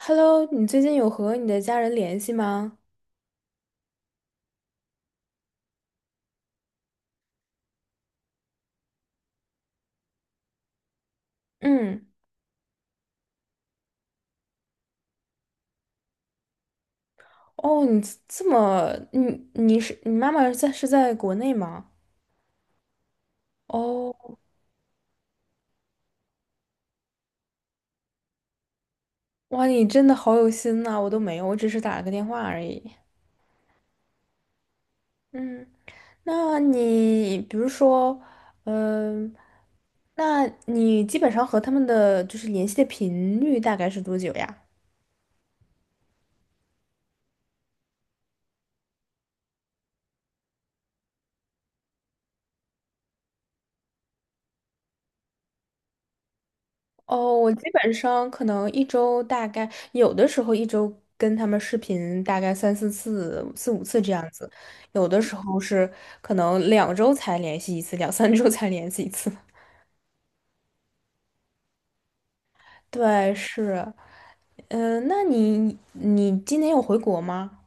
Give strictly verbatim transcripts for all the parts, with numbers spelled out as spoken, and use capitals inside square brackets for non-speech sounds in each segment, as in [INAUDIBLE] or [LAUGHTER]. Hello，你最近有和你的家人联系吗？嗯，哦，你这这么，你你是你妈妈在是在国内吗？哦，哇，你真的好有心呐，我都没有，我只是打了个电话而已。嗯，那你比如说，嗯、那你基本上和他们的就是联系的频率大概是多久呀？哦，我基本上可能一周大概有的时候一周跟他们视频大概三四次、四五次这样子，有的时候是可能两周才联系一次，两三周才联系一次。[LAUGHS] 对，是，嗯、那你你今年有回国吗？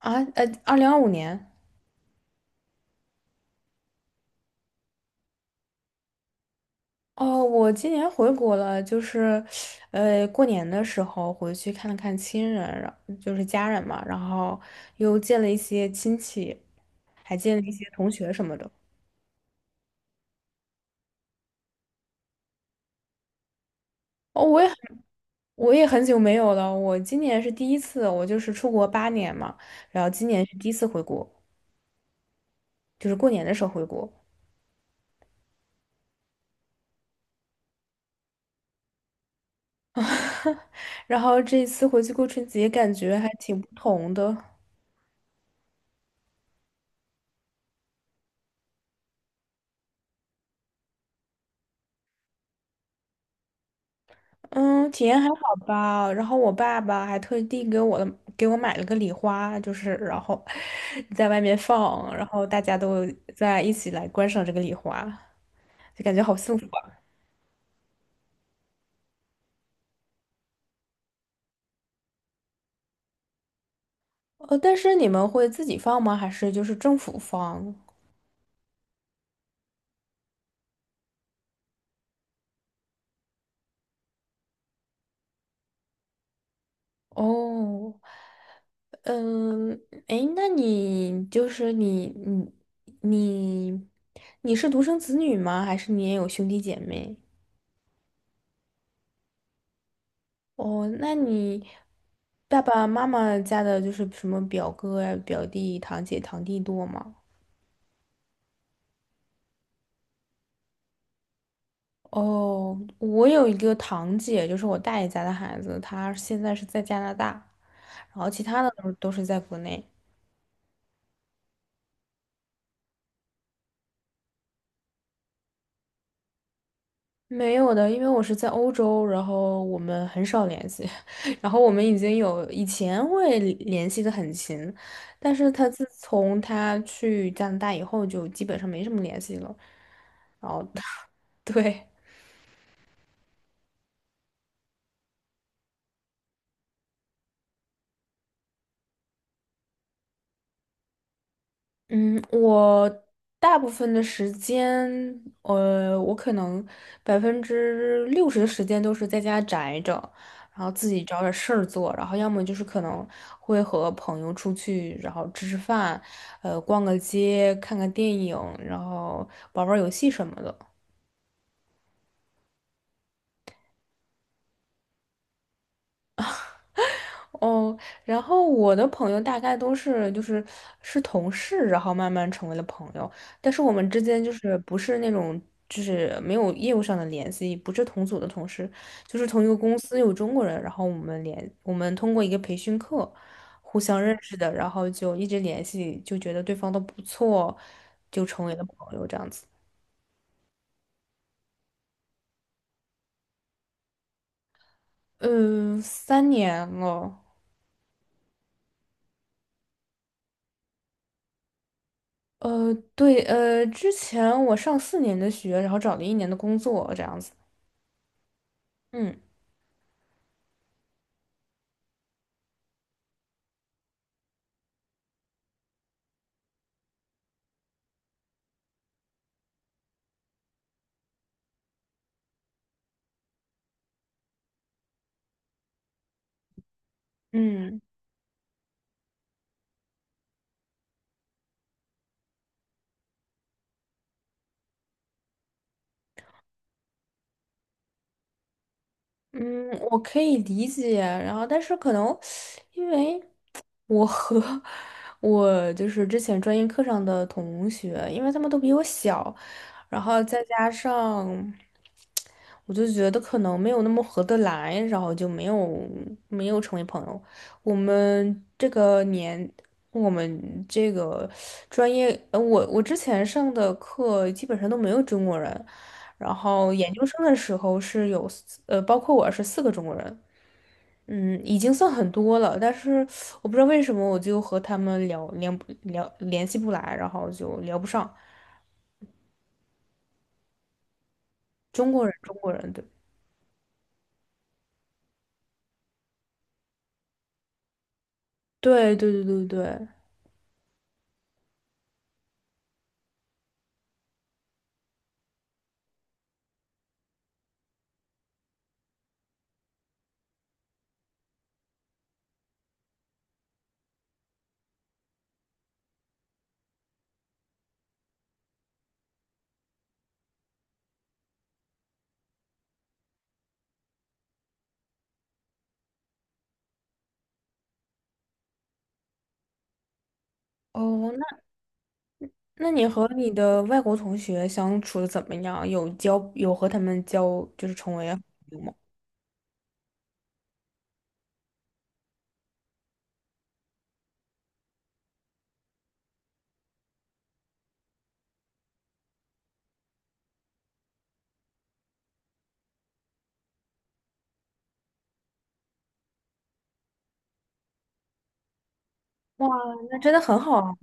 啊，呃，二零二五年。哦，我今年回国了，就是，呃，过年的时候回去看了看亲人，然就是家人嘛，然后又见了一些亲戚。还见了一些同学什么的。哦，我也很我也很久没有了，我今年是第一次，我就是出国八年嘛，然后今年是第一次回国，就是过年的时候回国。[LAUGHS] 然后这一次回去过春节，感觉还挺不同的。嗯，体验还好吧。然后我爸爸还特地给我的给我买了个礼花，就是然后 [LAUGHS] 在外面放，然后大家都在一起来观赏这个礼花，就感觉好幸福啊。呃，但是你们会自己放吗？还是就是政府放？哦，嗯，诶，那你就是你你你你是独生子女吗？还是你也有兄弟姐妹？哦，那你爸爸妈妈家的就是什么表哥呀、表弟、堂姐、堂弟多吗？哦，我有一个堂姐，就是我大爷家的孩子，他现在是在加拿大，然后其他的都是都是在国内。没有的，因为我是在欧洲，然后我们很少联系，[LAUGHS] 然后我们已经有以前会联系的很勤，但是他自从他去加拿大以后，就基本上没什么联系了。然后，[LAUGHS] 对。嗯，我大部分的时间，呃，我可能百分之六十的时间都是在家宅着，然后自己找点事儿做，然后要么就是可能会和朋友出去，然后吃吃饭，呃，逛个街，看看电影，然后玩玩游戏什么的。哦，然后我的朋友大概都是就是是同事，然后慢慢成为了朋友，但是我们之间就是不是那种就是没有业务上的联系，不是同组的同事，就是同一个公司有中国人，然后我们联我们通过一个培训课互相认识的，然后就一直联系，就觉得对方都不错，就成为了朋友这样子。嗯，三年了。呃，对，呃，之前我上四年的学，然后找了一年的工作，这样子。嗯嗯嗯，我可以理解。然后，但是可能因为我和 [LAUGHS] 我就是之前专业课上的同学，因为他们都比我小，然后再加上，我就觉得可能没有那么合得来，然后就没有没有成为朋友。我们这个年，我们这个专业，呃，我我之前上的课基本上都没有中国人，然后研究生的时候是有四呃，包括我是四个中国人。嗯，已经算很多了，但是我不知道为什么我就和他们聊聊不聊联系不来，然后就聊不上中国人，中国人，对。对对对对对。哦，那那你和你的外国同学相处的怎么样？有交有和他们交就是成为好朋友吗？哇，那真的很好啊。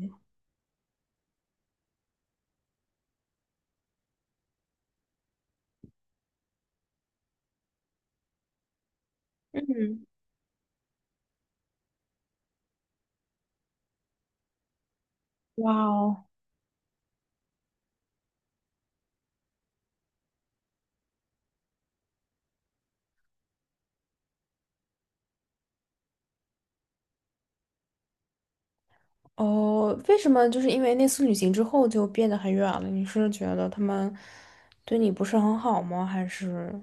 嗯，哇哦，哦，为什么就是因为那次旅行之后就变得很远了？你是觉得他们对你不是很好吗？还是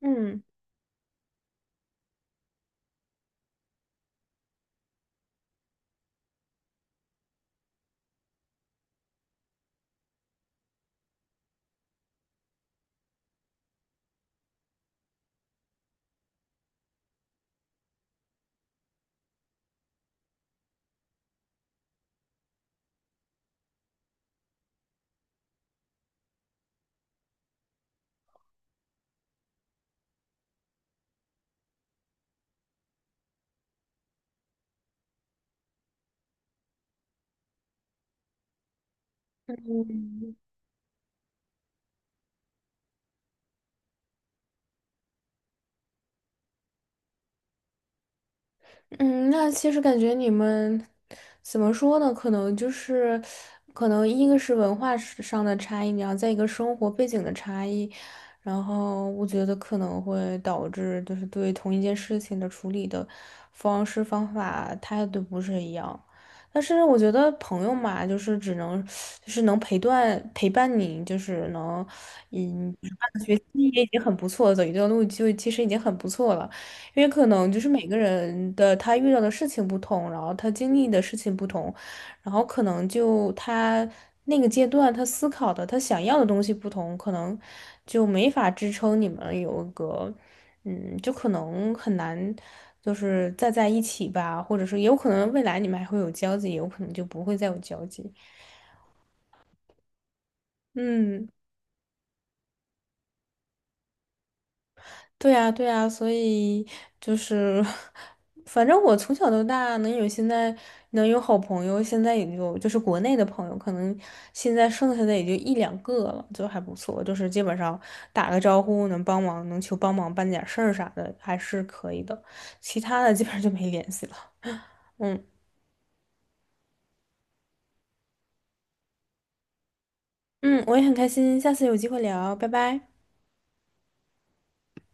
嗯？嗯，嗯，那其实感觉你们怎么说呢？可能就是，可能一个是文化是上的差异，然后再一个生活背景的差异，然后我觉得可能会导致就是对同一件事情的处理的方式、方法、态度不是一样。但是我觉得朋友嘛，就是只能就是能陪伴陪伴你，就是能嗯陪伴学习也已经很不错，走一段路就其实已经很不错了。因为可能就是每个人的他遇到的事情不同，然后他经历的事情不同，然后可能就他那个阶段他思考的他想要的东西不同，可能就没法支撑你们有一个，嗯，就可能很难，就是再在一起吧，或者是有可能未来你们还会有交集，有可能就不会再有交集。嗯。对呀，对呀，所以就是，[LAUGHS] 反正我从小到大能有现在能有好朋友，现在也就就是国内的朋友，可能现在剩下的也就一两个了，就还不错，就是基本上打个招呼能帮忙，能求帮忙办点事儿啥的，还是可以的。其他的基本上就没联系了。嗯嗯，我也很开心，下次有机会聊，拜拜。